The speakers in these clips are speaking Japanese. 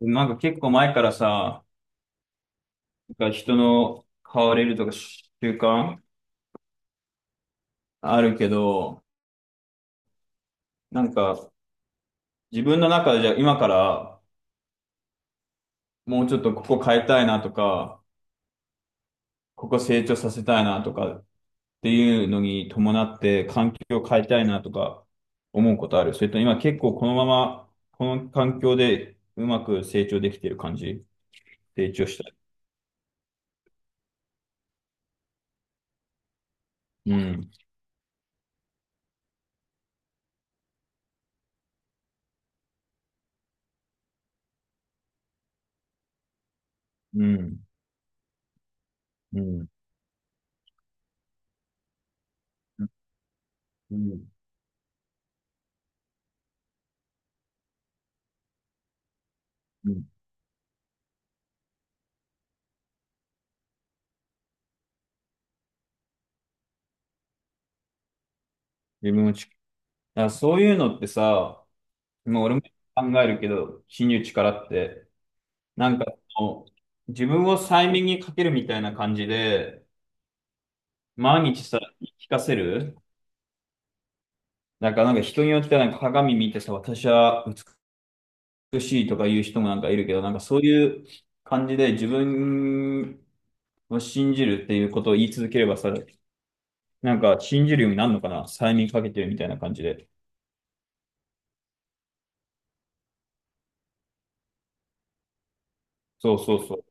なんか結構前からさ、なんか人の変われるとか習慣あるけど、なんか自分の中でじゃあ今からもうちょっとここ変えたいなとか、ここ成長させたいなとかっていうのに伴って環境を変えたいなとか思うことある。それと今結構このままこの環境でうまく成長できてる感じ？成長したい。うん、うん、うん、うん、うん。自分をち、だからそういうのってさ、もう俺も考えるけど、信じる力って、なんかその、自分を催眠にかけるみたいな感じで、毎日さ、言い聞かせる。なんか人によってはなんか鏡見てさ、私は美しいとか言う人もなんかいるけど、なんかそういう感じで自分を信じるっていうことを言い続ければさ、なんか信じるようになるのかな催眠かけてるみたいな感じで。そうそうそう。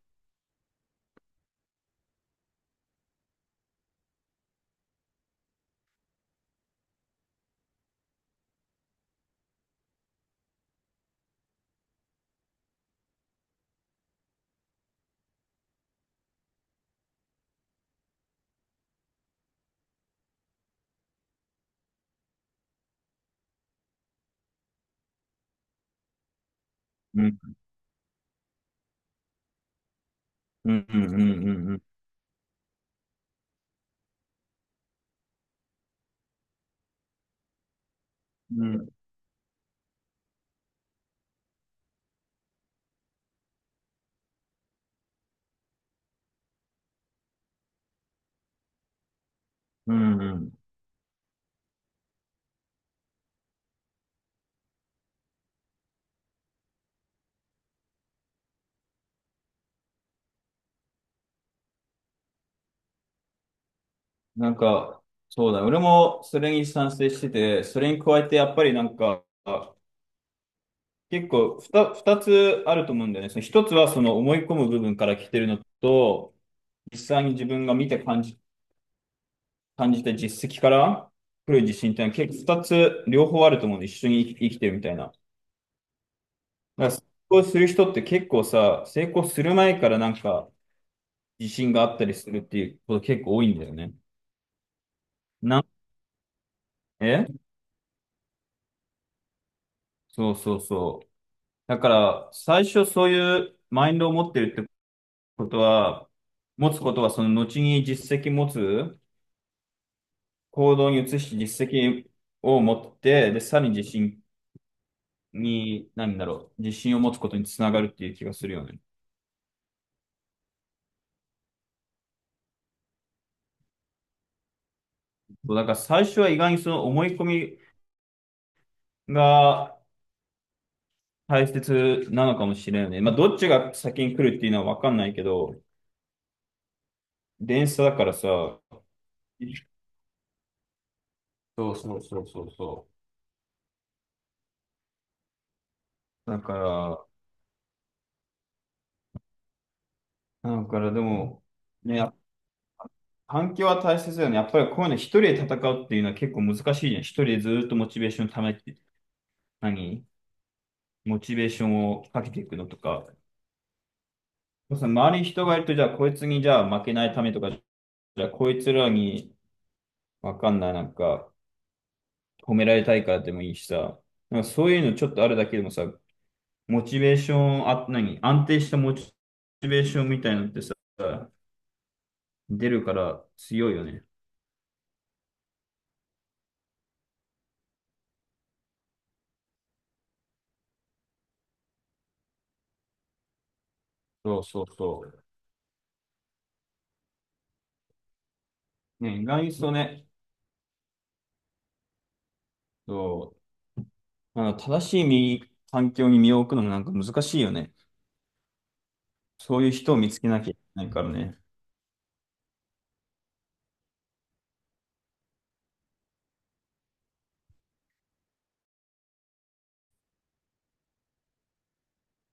うん、うん、うん、うん、うん、うん、うん、うん、うん。なんか、そうだ、俺もそれに賛成してて、それに加えてやっぱりなんか、結構二つあると思うんだよね。その一つはその思い込む部分から来てるのと、実際に自分が見て感じた実績から来る自信っていうのは結構二つ両方あると思うんで、一緒に生き生きてるみたいな。だから成功する人って結構さ、成功する前からなんか自信があったりするっていうこと結構多いんだよね。なん、えそうそうそう。だから、最初そういうマインドを持ってるってことは、持つことはその後に実績持つ、行動に移して実績を持って、で、さらに自信に、何だろう、自信を持つことにつながるっていう気がするよね。そうだから最初は意外にその思い込みが大切なのかもしれないね。まあ、どっちが先に来るっていうのはわかんないけど、電車だからさ、そうそうそうそうそう。だからでも、ね、環境は大切だよね。やっぱりこういうの一人で戦うっていうのは結構難しいじゃん。一人でずーっとモチベーションためて、何モチベーションをかけていくのとか。その周りに人がいると、じゃあこいつにじゃあ負けないためとか、じゃあこいつらにわかんない、なんか褒められたいからでもいいしさ。なんかそういうのちょっとあるだけでもさ、モチベーション、あ、何安定したモチベーションみたいなのってさ、出るから強いよね。そうそうそう。ね、意外にそうね、そうあの、正しい身環境に身を置くのもなんか難しいよね。そういう人を見つけなきゃいけないからね。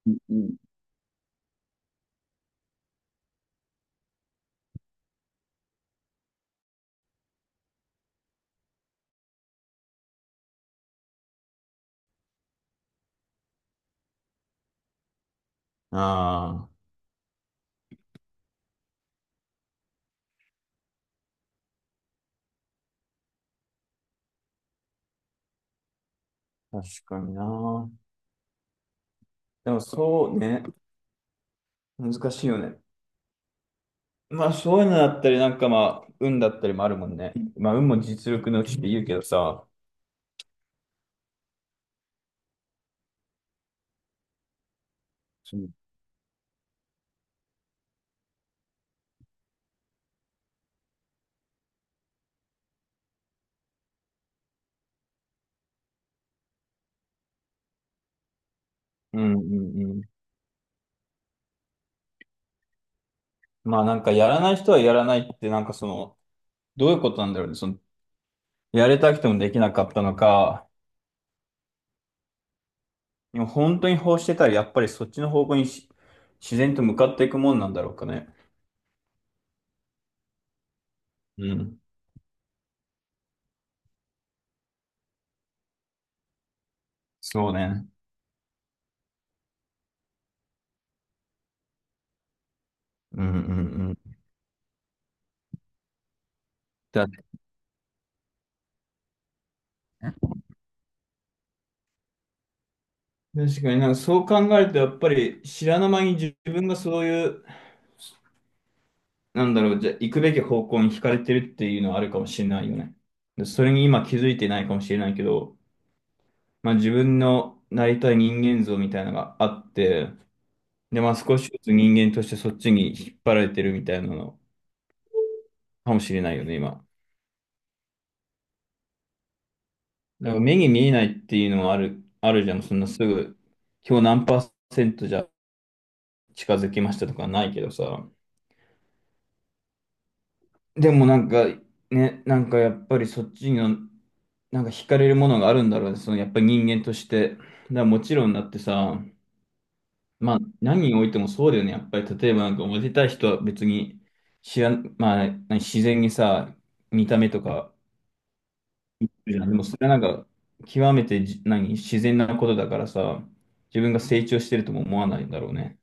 うん。ああ、確かにな。でもそうね、難しいよね。まあそういうのだったり、なんかまあ、運だったりもあるもんね。まあ運も実力のうちって言うけどさ、うんうんうんうん。まあなんかやらない人はやらないって、なんかその、どういうことなんだろうね。その、やれたくてもできなかったのか、でも本当に欲してたらやっぱりそっちの方向にし自然と向かっていくもんなんだろうかね。うん。そうね。うんうんうん。だね。確かになんかそう考えると、やっぱり知らぬ間に自分がそういう、なんだろう、じゃあ行くべき方向に惹かれてるっていうのはあるかもしれないよね。でそれに今気づいてないかもしれないけど、まあ自分のなりたい人間像みたいなのがあって、で、まあ少しずつ人間としてそっちに引っ張られてるみたいなのかもしれないよね、今。だから目に見えないっていうのもあるじゃん。そんなすぐ、今日何パーセントじゃ近づきましたとかないけどさ。でもなんか、ね、なんかやっぱりそっちの、なんか惹かれるものがあるんだろうね。そのやっぱり人間として。だからもちろんだってさ、まあ何においてもそうだよね。やっぱり例えばなんかモテたい人は別に知らん、まあ何自然にさ、見た目とかいや、でもそれはなんか極めてじ何自然なことだからさ、自分が成長してるとも思わないんだろうね。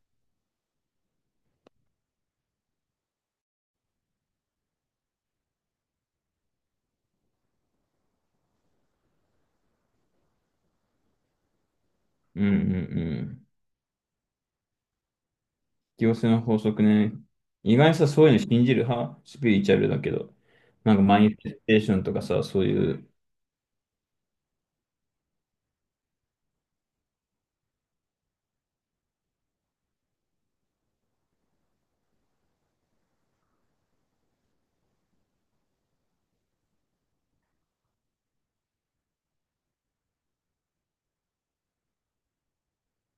うんうんうん。引き寄せの法則ね。意外にさ、そういうの信じる派スピリチュアルだけど。なんかマインフェステーションとかさ、そういう。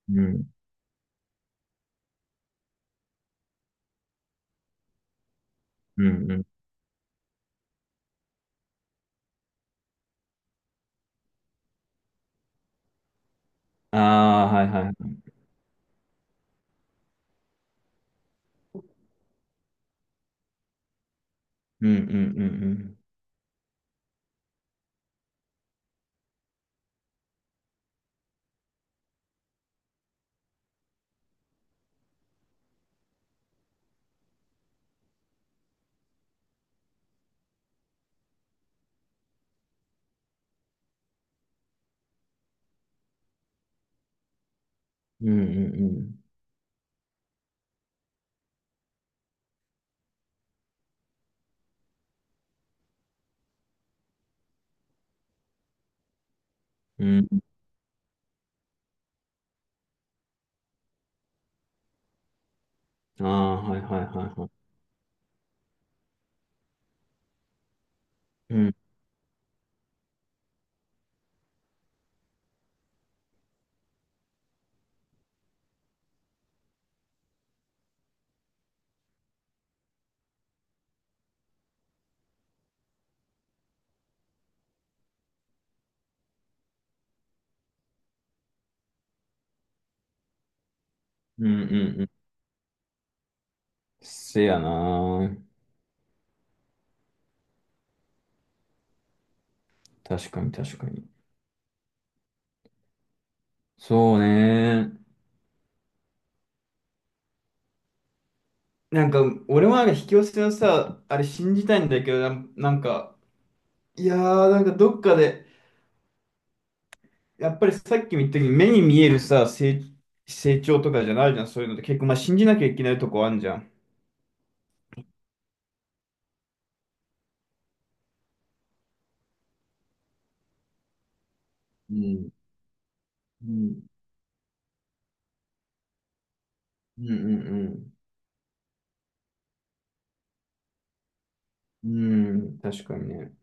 うん、うん、うん。ああ、はいはい。うん、うん、うん、うん。うん、うん、うん。うん、ああ、はいはいはいはい。うん、うん、うん。うんせやなー。確かに確かに。そうね。なんか、俺もなんか引き寄せのさ、あれ信じたいんだけど、なんか、いやー、なんかどっかで、やっぱりさっきも言ったけど、目に見えるさ、成長とかじゃないじゃん、そういうのって結構、まあ、信じなきゃいけないとこあんじゃん。うん、うん、うんうんうん。うん、確かにね。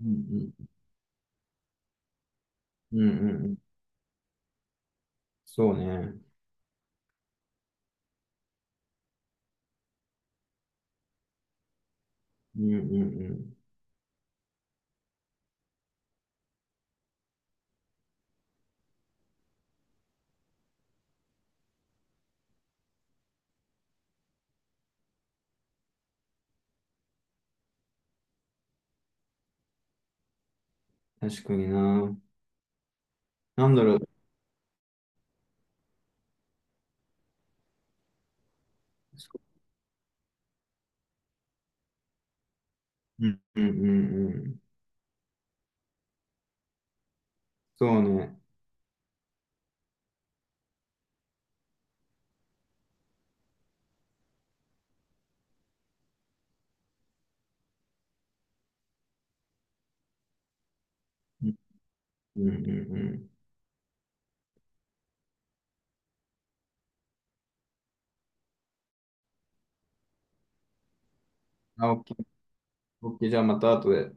うんうん、うんうんうん。そうね。うんうんうん。確かにな。なんだろう。うんうんうんうん。そうね。うん。うんうんうん。あ、オッケー。オッケー。じゃあまた後で。